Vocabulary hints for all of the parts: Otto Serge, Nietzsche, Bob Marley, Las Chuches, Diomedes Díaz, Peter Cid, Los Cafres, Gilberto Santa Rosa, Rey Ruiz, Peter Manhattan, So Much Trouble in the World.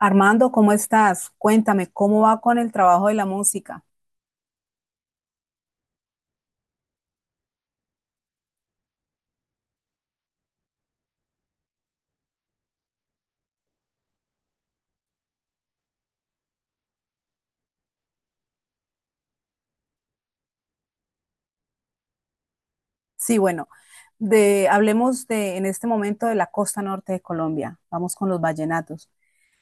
Armando, ¿cómo estás? Cuéntame, ¿cómo va con el trabajo de la música? Sí, bueno, hablemos de en este momento de la costa norte de Colombia. Vamos con los vallenatos.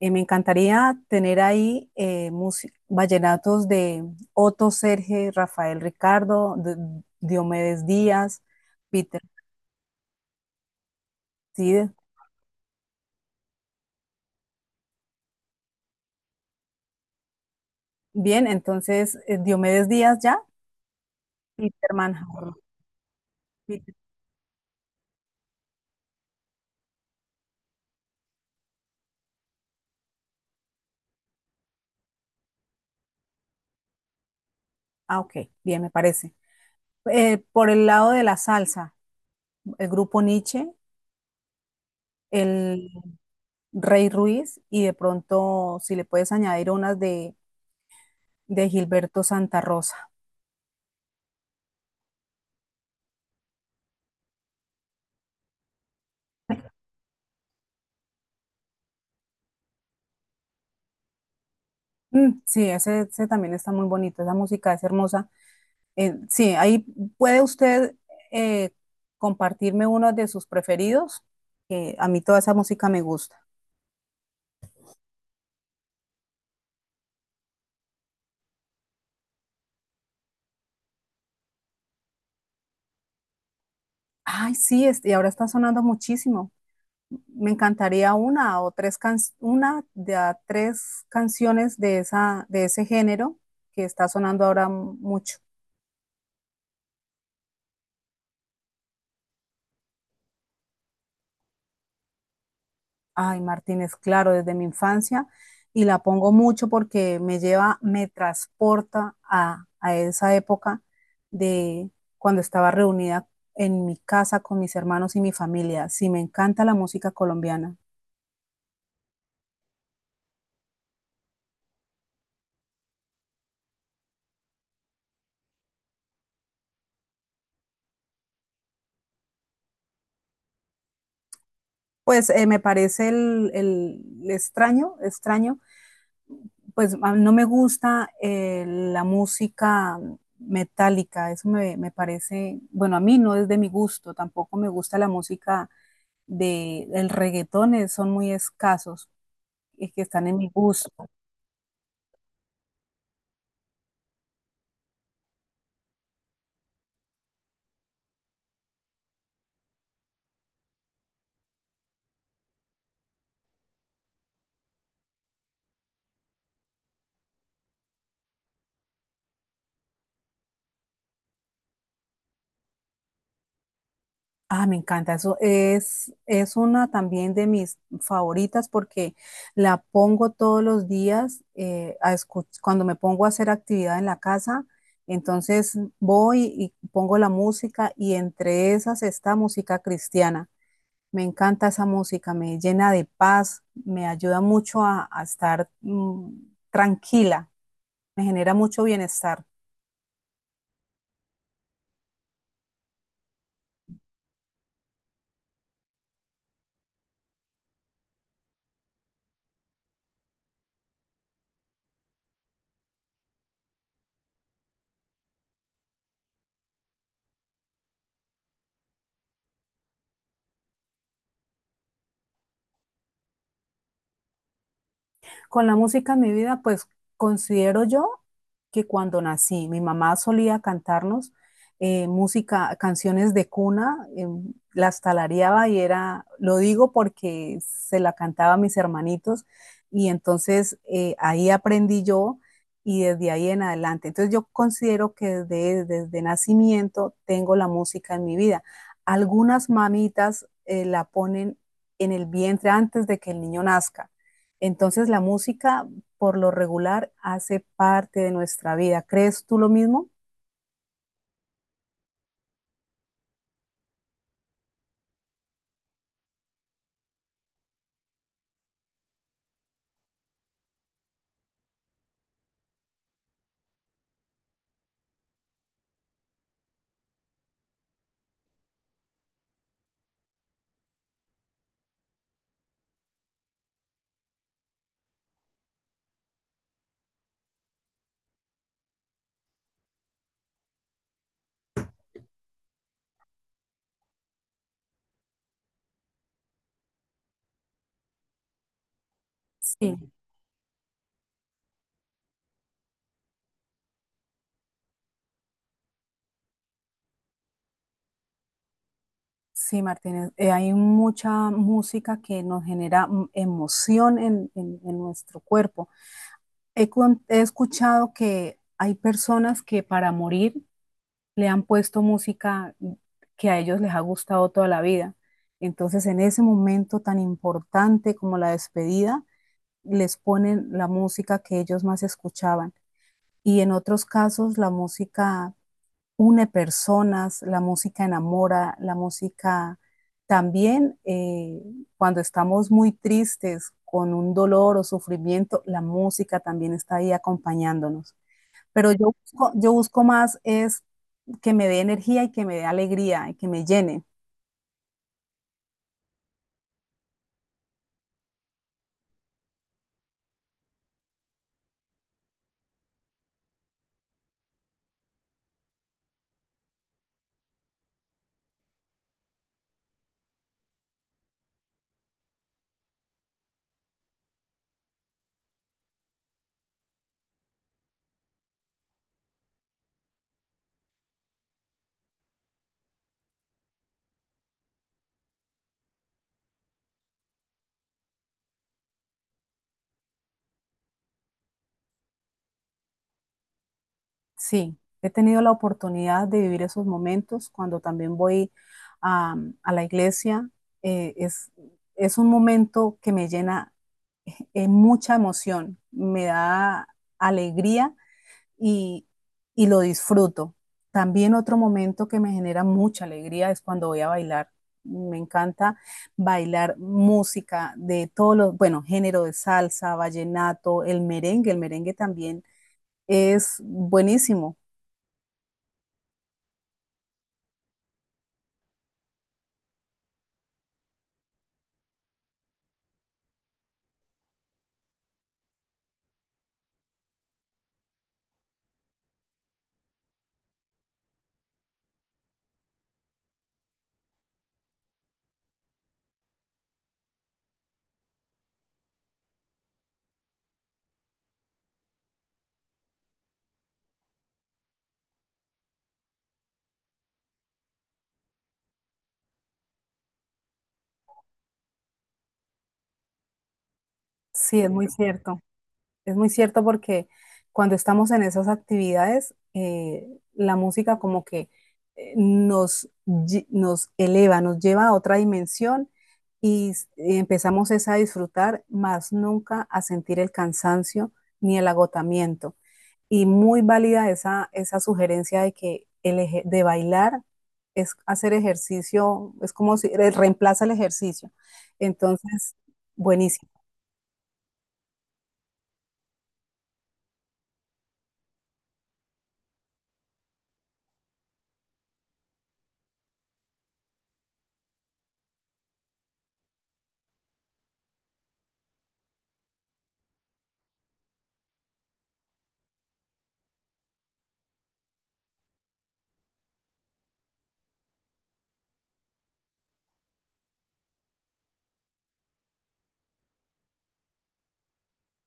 Me encantaría tener ahí vallenatos de Otto Serge, Rafael Ricardo, Diomedes Díaz, Peter Cid. Bien, entonces, Diomedes Díaz ya, Peter Manhattan. Peter- Ah, ok, bien, me parece. Por el lado de la salsa, el grupo Nietzsche, el Rey Ruiz y de pronto si le puedes añadir de Gilberto Santa Rosa. Mm, sí, ese también está muy bonito, esa música es hermosa. Sí, ahí puede usted eh, compartirme uno de sus preferidos, que a mí toda esa música me gusta. Ay, sí, este, y ahora está sonando muchísimo. Me encantaría una de a tres canciones de de ese género que está sonando ahora mucho. Ay, Martínez, claro, desde mi infancia y la pongo mucho porque me lleva, me transporta a esa época de cuando estaba reunida en mi casa con mis hermanos y mi familia. Sí, me encanta la música colombiana. Pues me parece el extraño, extraño, pues no me gusta la música metálica, me parece, bueno, a mí no es de mi gusto, tampoco me gusta la música de el reggaetón, son muy escasos y que están en mi gusto. Ah, me encanta. Eso es una también de mis favoritas porque la pongo todos los días, cuando me pongo a hacer actividad en la casa. Entonces voy y pongo la música y entre esas está música cristiana. Me encanta esa música, me llena de paz, me ayuda mucho a estar tranquila, me genera mucho bienestar. Con la música en mi vida, pues considero yo que cuando nací, mi mamá solía cantarnos música, canciones de cuna, las talareaba y era, lo digo porque se la cantaba a mis hermanitos y entonces ahí aprendí yo y desde ahí en adelante. Entonces yo considero que desde nacimiento tengo la música en mi vida. Algunas mamitas la ponen en el vientre antes de que el niño nazca, entonces la música por lo regular hace parte de nuestra vida. ¿Crees tú lo mismo? Sí, sí, Martínez, hay mucha música que nos genera emoción en nuestro cuerpo. He escuchado que hay personas que para morir le han puesto música que a ellos les ha gustado toda la vida. Entonces, en ese momento tan importante como la despedida, les ponen la música que ellos más escuchaban. Y en otros casos la música une personas, la música enamora, la música también, cuando estamos muy tristes con un dolor o sufrimiento, la música también está ahí acompañándonos. Pero yo yo busco más es que me dé energía y que me dé alegría y que me llene. Sí, he tenido la oportunidad de vivir esos momentos cuando también voy a, a la iglesia. Eh, es, es un momento que me llena es mucha emoción, me da alegría y, y lo disfruto. También otro momento que me genera mucha alegría es cuando voy a bailar. Me encanta bailar música de todos los, bueno, género de salsa, vallenato, el merengue. El merengue también es buenísimo. Sí, es muy cierto. Es muy cierto porque cuando estamos en esas actividades, la música como que nos eleva, nos lleva a otra dimensión y empezamos es a disfrutar, más nunca a sentir el cansancio ni el agotamiento. Y muy válida esa sugerencia de que de bailar es hacer ejercicio, es como si reemplaza el ejercicio. Entonces, buenísimo.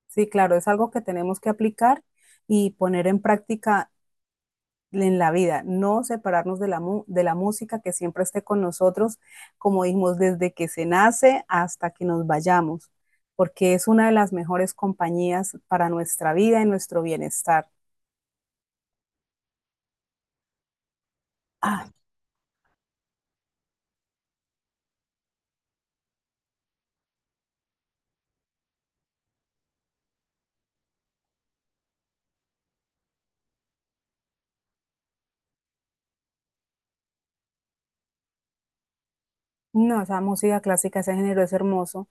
Sí, claro, es algo que tenemos que aplicar y poner en práctica en la vida, no separarnos de de la música, que siempre esté con nosotros, como dijimos, desde que se nace hasta que nos vayamos, porque es una de las mejores compañías para nuestra vida y nuestro bienestar. Ah, no, esa música clásica, ese género es hermoso.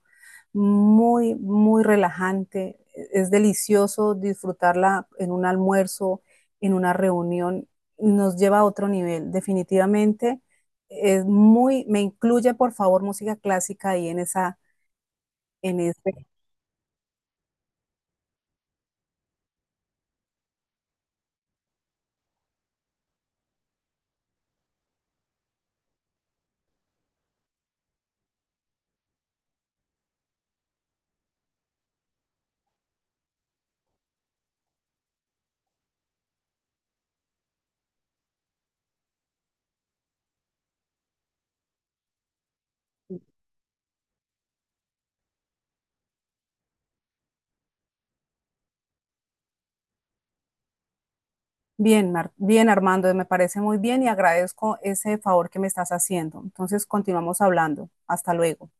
Muy, muy relajante. Es delicioso disfrutarla en un almuerzo, en una reunión. Nos lleva a otro nivel. Definitivamente es muy, me incluye por favor música clásica ahí en en ese. Bien, bien Armando, me parece muy bien y agradezco ese favor que me estás haciendo. Entonces continuamos hablando. Hasta luego.